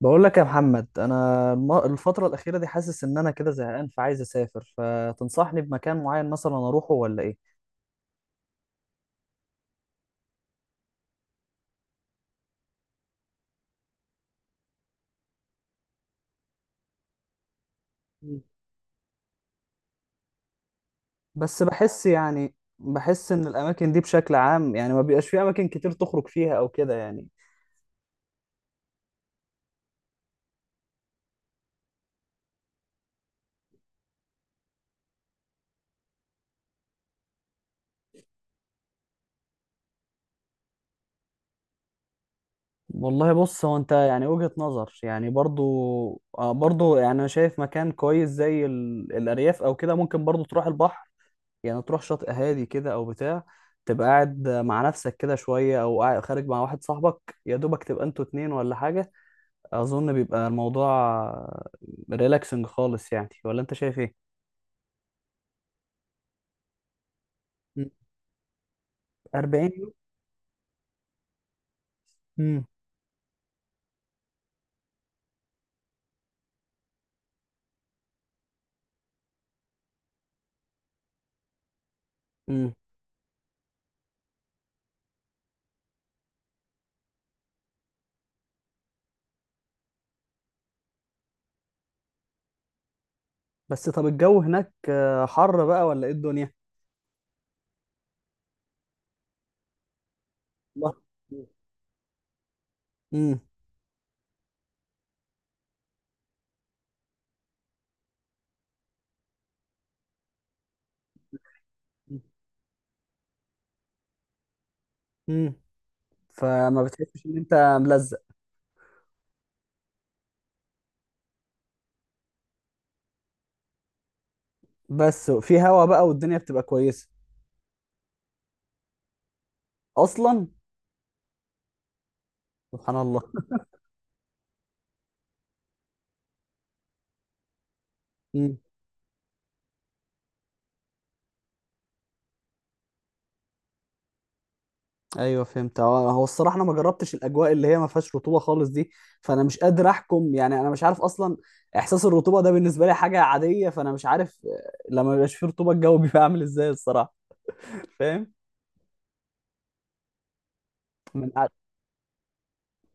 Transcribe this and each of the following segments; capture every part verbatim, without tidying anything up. بقول لك يا محمد، انا الم- الفتره الاخيره دي حاسس ان انا كده زهقان فعايز اسافر، فتنصحني بمكان معين مثلا اروحه ولا ايه؟ مم. بس بحس يعني بحس ان الاماكن دي بشكل عام يعني ما بيبقاش في اماكن كتير تخرج فيها او كده يعني. والله بص، هو انت يعني وجهة نظر يعني برضو. آه برضو يعني انا شايف مكان كويس زي ال... الارياف او كده. ممكن برضو تروح البحر، يعني تروح شاطئ هادي كده او بتاع، تبقى قاعد مع نفسك كده شوية او قاعد- خارج مع واحد صاحبك يا دوبك تبقى انتوا اتنين ولا حاجة. اظن بيبقى الموضوع ريلاكسنج خالص يعني، ولا انت شايف ايه؟ مم. اربعين يوم. مم. امم بس طب الجو هناك آه، حر بقى ولا ايه الدنيا؟ الله. امم مم. امم فما بتحسش ان انت ملزق. بس في هوا بقى والدنيا بتبقى كويسة اصلا. سبحان الله. ايوه فهمت. هو هو الصراحه انا ما جربتش الاجواء اللي هي ما فيهاش رطوبه خالص دي، فانا مش قادر احكم يعني. انا مش عارف اصلا احساس الرطوبه ده، بالنسبه لي حاجه عاديه، فانا مش عارف آه، لما بيبقاش فيه رطوبه الجو بيبقى عامل ازاي الصراحه. فاهم؟ من قع-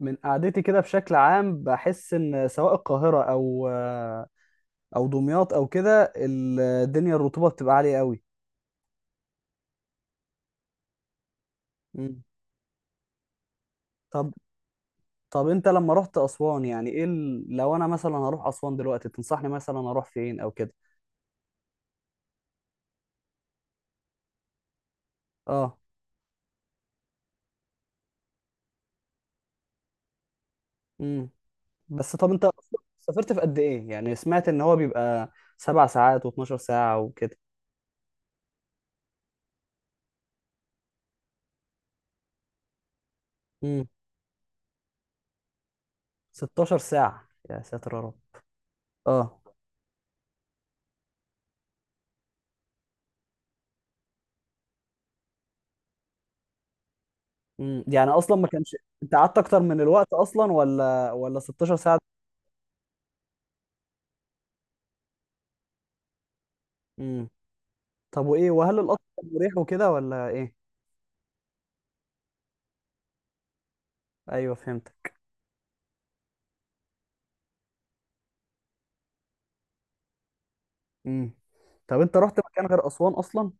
من قعدتي كده بشكل عام بحس ان سواء القاهره او آه، او دمياط او كده، الدنيا الرطوبه بتبقى عاليه قوي. مم. طب طب انت لما رحت اسوان يعني ايه ال... لو انا مثلا هروح اسوان دلوقتي تنصحني مثلا اروح فين او كده؟ اه. امم بس طب انت اصلا سافرت في قد ايه؟ يعني سمعت ان هو بيبقى سبع ساعات و12 ساعة وكده. امم ستاشر ساعة؟ يا ساتر يا رب. اه. امم يعني اصلا ما كانش انت قعدت اكتر من الوقت اصلا ولا ولا ستة عشر ساعة؟ امم طب وايه، وهل القطر كان مريح وكده ولا ايه؟ ايوه فهمتك. امم طب انت رحت مكان غير اسوان اصلا؟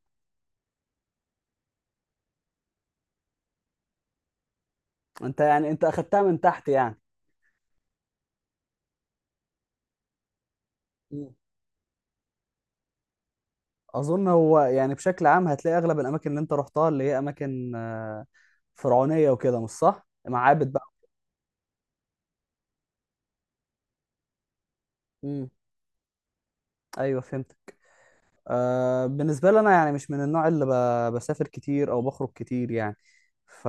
انت يعني انت اخدتها من تحت يعني. مم. اظن هو يعني بشكل عام هتلاقي اغلب الاماكن اللي انت رحتها اللي هي اماكن آه، فرعونية وكده، مش صح؟ معابد. امم ايوه فهمتك. آه بالنسبه لي انا يعني مش من النوع اللي ب... بسافر كتير او بخرج كتير يعني. ف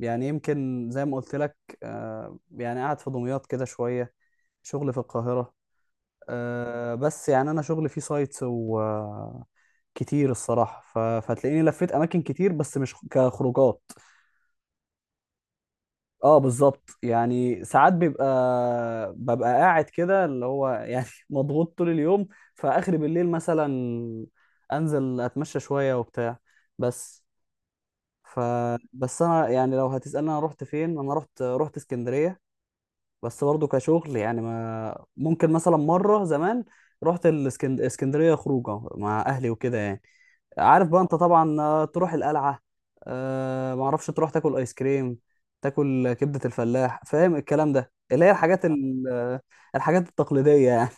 يعني يمكن زي ما قلت لك، آه يعني قاعد في دمياط كده شويه، شغلي في القاهره. آه بس يعني انا شغلي فيه سايتس و كتير الصراحه ف... فتلاقيني لفيت اماكن كتير بس مش كخروجات. اه بالظبط، يعني ساعات بيبقى ببقى قاعد كده اللي هو يعني مضغوط طول اليوم، فاخر بالليل مثلا انزل اتمشى شويه وبتاع. بس ف بس انا يعني لو هتسالني انا رحت فين، انا رحت رحت اسكندريه، بس برضه كشغل يعني. ما ممكن مثلا مرة زمان رحت الاسكندرية خروجة مع أهلي وكده يعني. عارف بقى أنت طبعا، آه، تروح القلعة، أه ما اعرفش، تروح تاكل آيس كريم، تاكل كبدة الفلاح، فاهم الكلام ده اللي هي الحاجات ال- آه، الحاجات التقليدية يعني.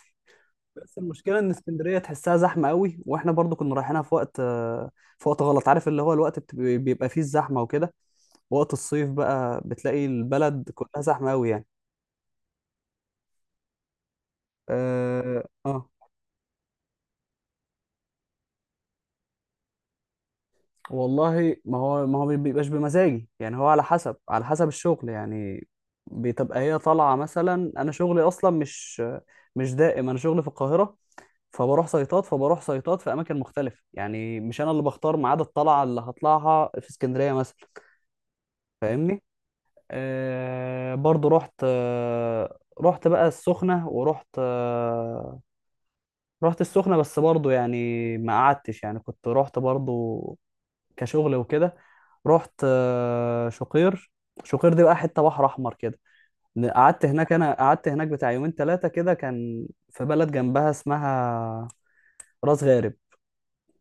بس المشكلة إن اسكندرية تحسها زحمة قوي، وإحنا برضو كنا رايحينها في وقت آه، في وقت غلط. عارف اللي هو الوقت بت- بيبقى فيه الزحمة وكده، وقت الصيف بقى بتلاقي البلد كلها زحمة قوي يعني. اه آه. والله ما هو ما هو ما بيبقاش بمزاجي يعني. هو على حسب على حسب الشغل يعني، بتبقى هي طالعه. مثلا انا شغلي اصلا مش مش دائم، انا شغلي في القاهره، فبروح سيطات فبروح سيطات في اماكن مختلفه يعني. مش انا اللي بختار ميعاد الطلعه اللي هطلعها في اسكندريه مثلا، فاهمني؟ آه برضو رحت آه رحت بقى السخنه، ورحت آه رحت السخنه، بس برضو يعني ما قعدتش يعني، كنت رحت برضو كشغل وكده. رحت آه، شقير، شقير دي بقى حته بحر احمر كده. قعدت هناك انا قعدت هناك بتاع يومين ثلاثه كده. كان في بلد جنبها اسمها راس غارب.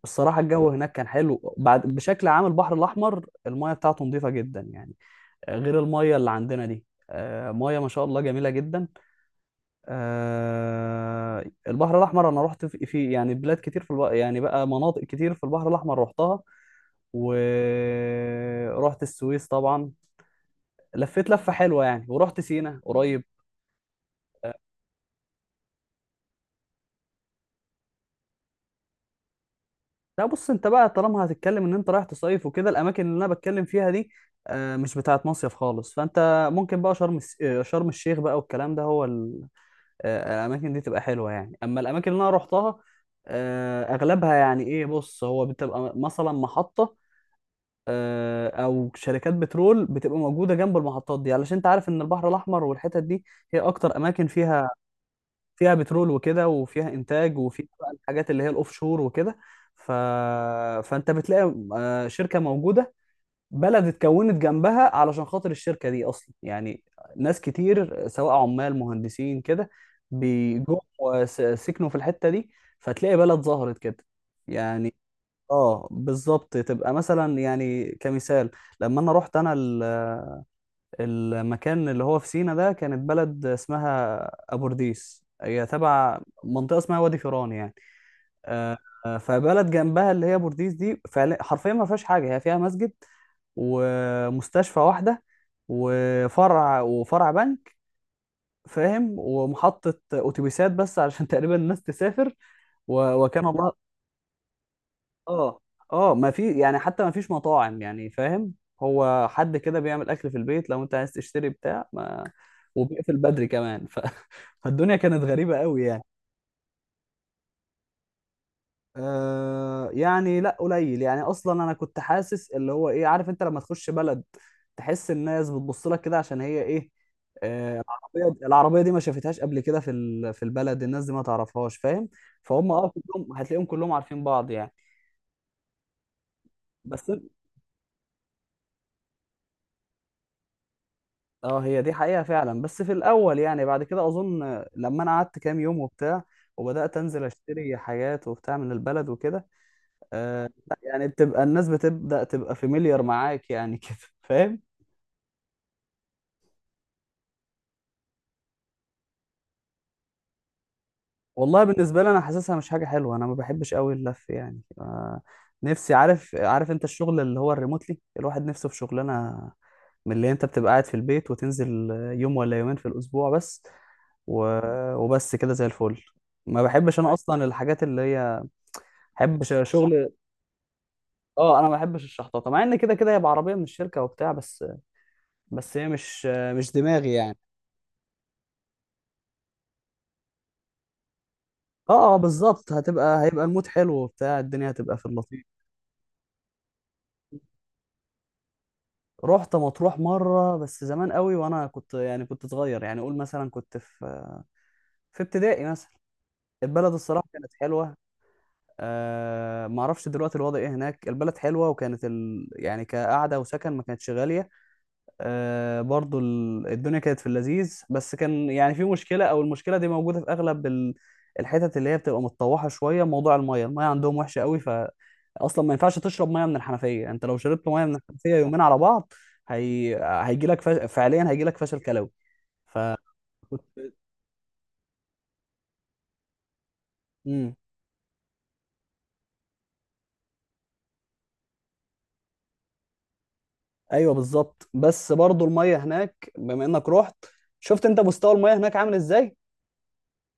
الصراحه الجو هناك كان حلو. بعد بشكل عام البحر الاحمر المايه بتاعته نظيفه جدا يعني، آه، غير المايه اللي عندنا دي. آه، مايه ما شاء الله جميله جدا. آه البحر الأحمر أنا رحت في في- يعني بلاد كتير في البحر، يعني بقى مناطق كتير في البحر الأحمر رحتها، ورحت السويس طبعا، لفيت لفة حلوة يعني، ورحت سينا قريب. لا بص، انت بقى طالما هتتكلم ان انت رايح تصيف وكده، الاماكن اللي انا بتكلم فيها دي آه، مش بتاعت مصيف خالص. فانت ممكن بقى شرم الس- آه، شرم الشيخ بقى والكلام ده، هو ال- آه، الاماكن دي تبقى حلوه يعني. اما الاماكن اللي انا روحتها آه، اغلبها يعني ايه، بص هو بتبقى مثلا محطه آه، او شركات بترول، بتبقى موجوده جنب المحطات دي. علشان انت عارف ان البحر الاحمر والحتت دي هي اكتر اماكن فيها فيها بترول وكده، وفيها انتاج، وفيها بقى الحاجات اللي هي الاوف شور وكده. ف... فانت بتلاقي آه، شركه موجوده، بلد اتكونت جنبها علشان خاطر الشركه دي اصلا يعني. ناس كتير سواء عمال، مهندسين كده، بيجوا وس- سكنوا في الحته دي، فتلاقي بلد ظهرت كده يعني. اه بالظبط، تبقى مثلا يعني كمثال لما انا رحت انا ال- المكان اللي هو في سينا ده كانت بلد اسمها ابورديس، هي تبع منطقه اسمها وادي فيران يعني. آه، آه، فبلد جنبها اللي هي بورديس دي، فعلا حرفيا ما فيهاش حاجه، هي فيها مسجد ومستشفى واحده، وفرع وفرع بنك، فاهم، ومحطه اتوبيسات بس عشان تقريبا الناس تسافر، و- وكان الله. اه اه، ما في يعني، حتى ما فيش مطاعم يعني، فاهم؟ هو حد كده بيعمل اكل في البيت. لو انت عايز تشتري بتاع ما، وبيقفل بدري كمان. ف... فالدنيا كانت غريبة قوي يعني. آه يعني لا قليل يعني. اصلا انا كنت حاسس اللي هو ايه، عارف انت لما تخش بلد تحس الناس بتبص لك كده عشان هي ايه؟ آه العربية العربية دي ما شافتهاش قبل كده في ال... في البلد، الناس دي ما تعرفهاش فاهم، فهم. اه كلهم هتلاقيهم كلهم عارفين بعض يعني. بس اه، هي دي حقيقة فعلا، بس في الأول يعني. بعد كده أظن لما أنا قعدت كام يوم وبتاع، وبدأت أنزل أشتري حاجات وبتاع من البلد وكده، آه لا، يعني بتبقى الناس بتبدأ تبقى فاميليار معاك يعني، كده فاهم. والله بالنسبه لي انا حاسسها مش حاجه حلوه، انا ما بحبش قوي اللف يعني. آه، نفسي، عارف عارف انت الشغل اللي هو الريموتلي، الواحد نفسه في شغلانه من اللي انت بتبقى قاعد في البيت وتنزل يوم ولا يومين في الاسبوع بس، و... وبس كده زي الفل. ما بحبش انا اصلا الحاجات اللي هي، بحب ش- شغل. اه انا ما بحبش الشحطاطه، مع ان كده كده هي بعربيه من الشركه وبتاع، بس بس هي مش مش دماغي يعني. اه اه بالظبط، هتبقى هيبقى المود حلو وبتاع، الدنيا هتبقى في اللطيف. رحت مطروح مرة بس زمان قوي، وانا كنت يعني كنت صغير يعني، اقول مثلا كنت في في ابتدائي مثلا. البلد الصراحة كانت حلوة. أه ما اعرفش دلوقتي الوضع ايه هناك، البلد حلوة وكانت ال... يعني كقعدة وسكن ما كانتش غالية. آه برضو ال- الدنيا كانت في اللذيذ، بس كان يعني في مشكلة، او المشكلة دي موجودة في اغلب ال- الحتت اللي هي بتبقى متطوحة شوية، موضوع المية المية عندهم وحشة قوي، ف اصلا ما ينفعش تشرب مية من الحنفية. انت لو شربت مية من الحنفية يومين على بعض، هي... هيجي لك فش... فعليا هيجي لك فشل كلوي. ف امم. ايوه بالظبط. بس برضو المية هناك بما انك رحت، شفت انت مستوى المية هناك عامل ازاي،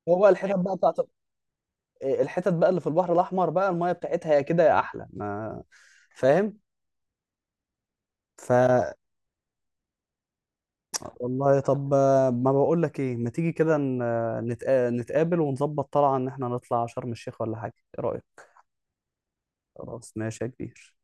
هو بقى الحتت بقى بتاعت، إيه، الحتت بقى اللي في البحر الاحمر بقى المايه بتاعتها يا كده يا احلى ما، فاهم. ف والله طب، آه، ما بقول لك ايه، ما تيجي كده ن- نتقا- نتقابل ونظبط طلعه ان احنا نطلع شرم الشيخ ولا حاجه؟ ايه رايك؟ خلاص ماشي يا كبير.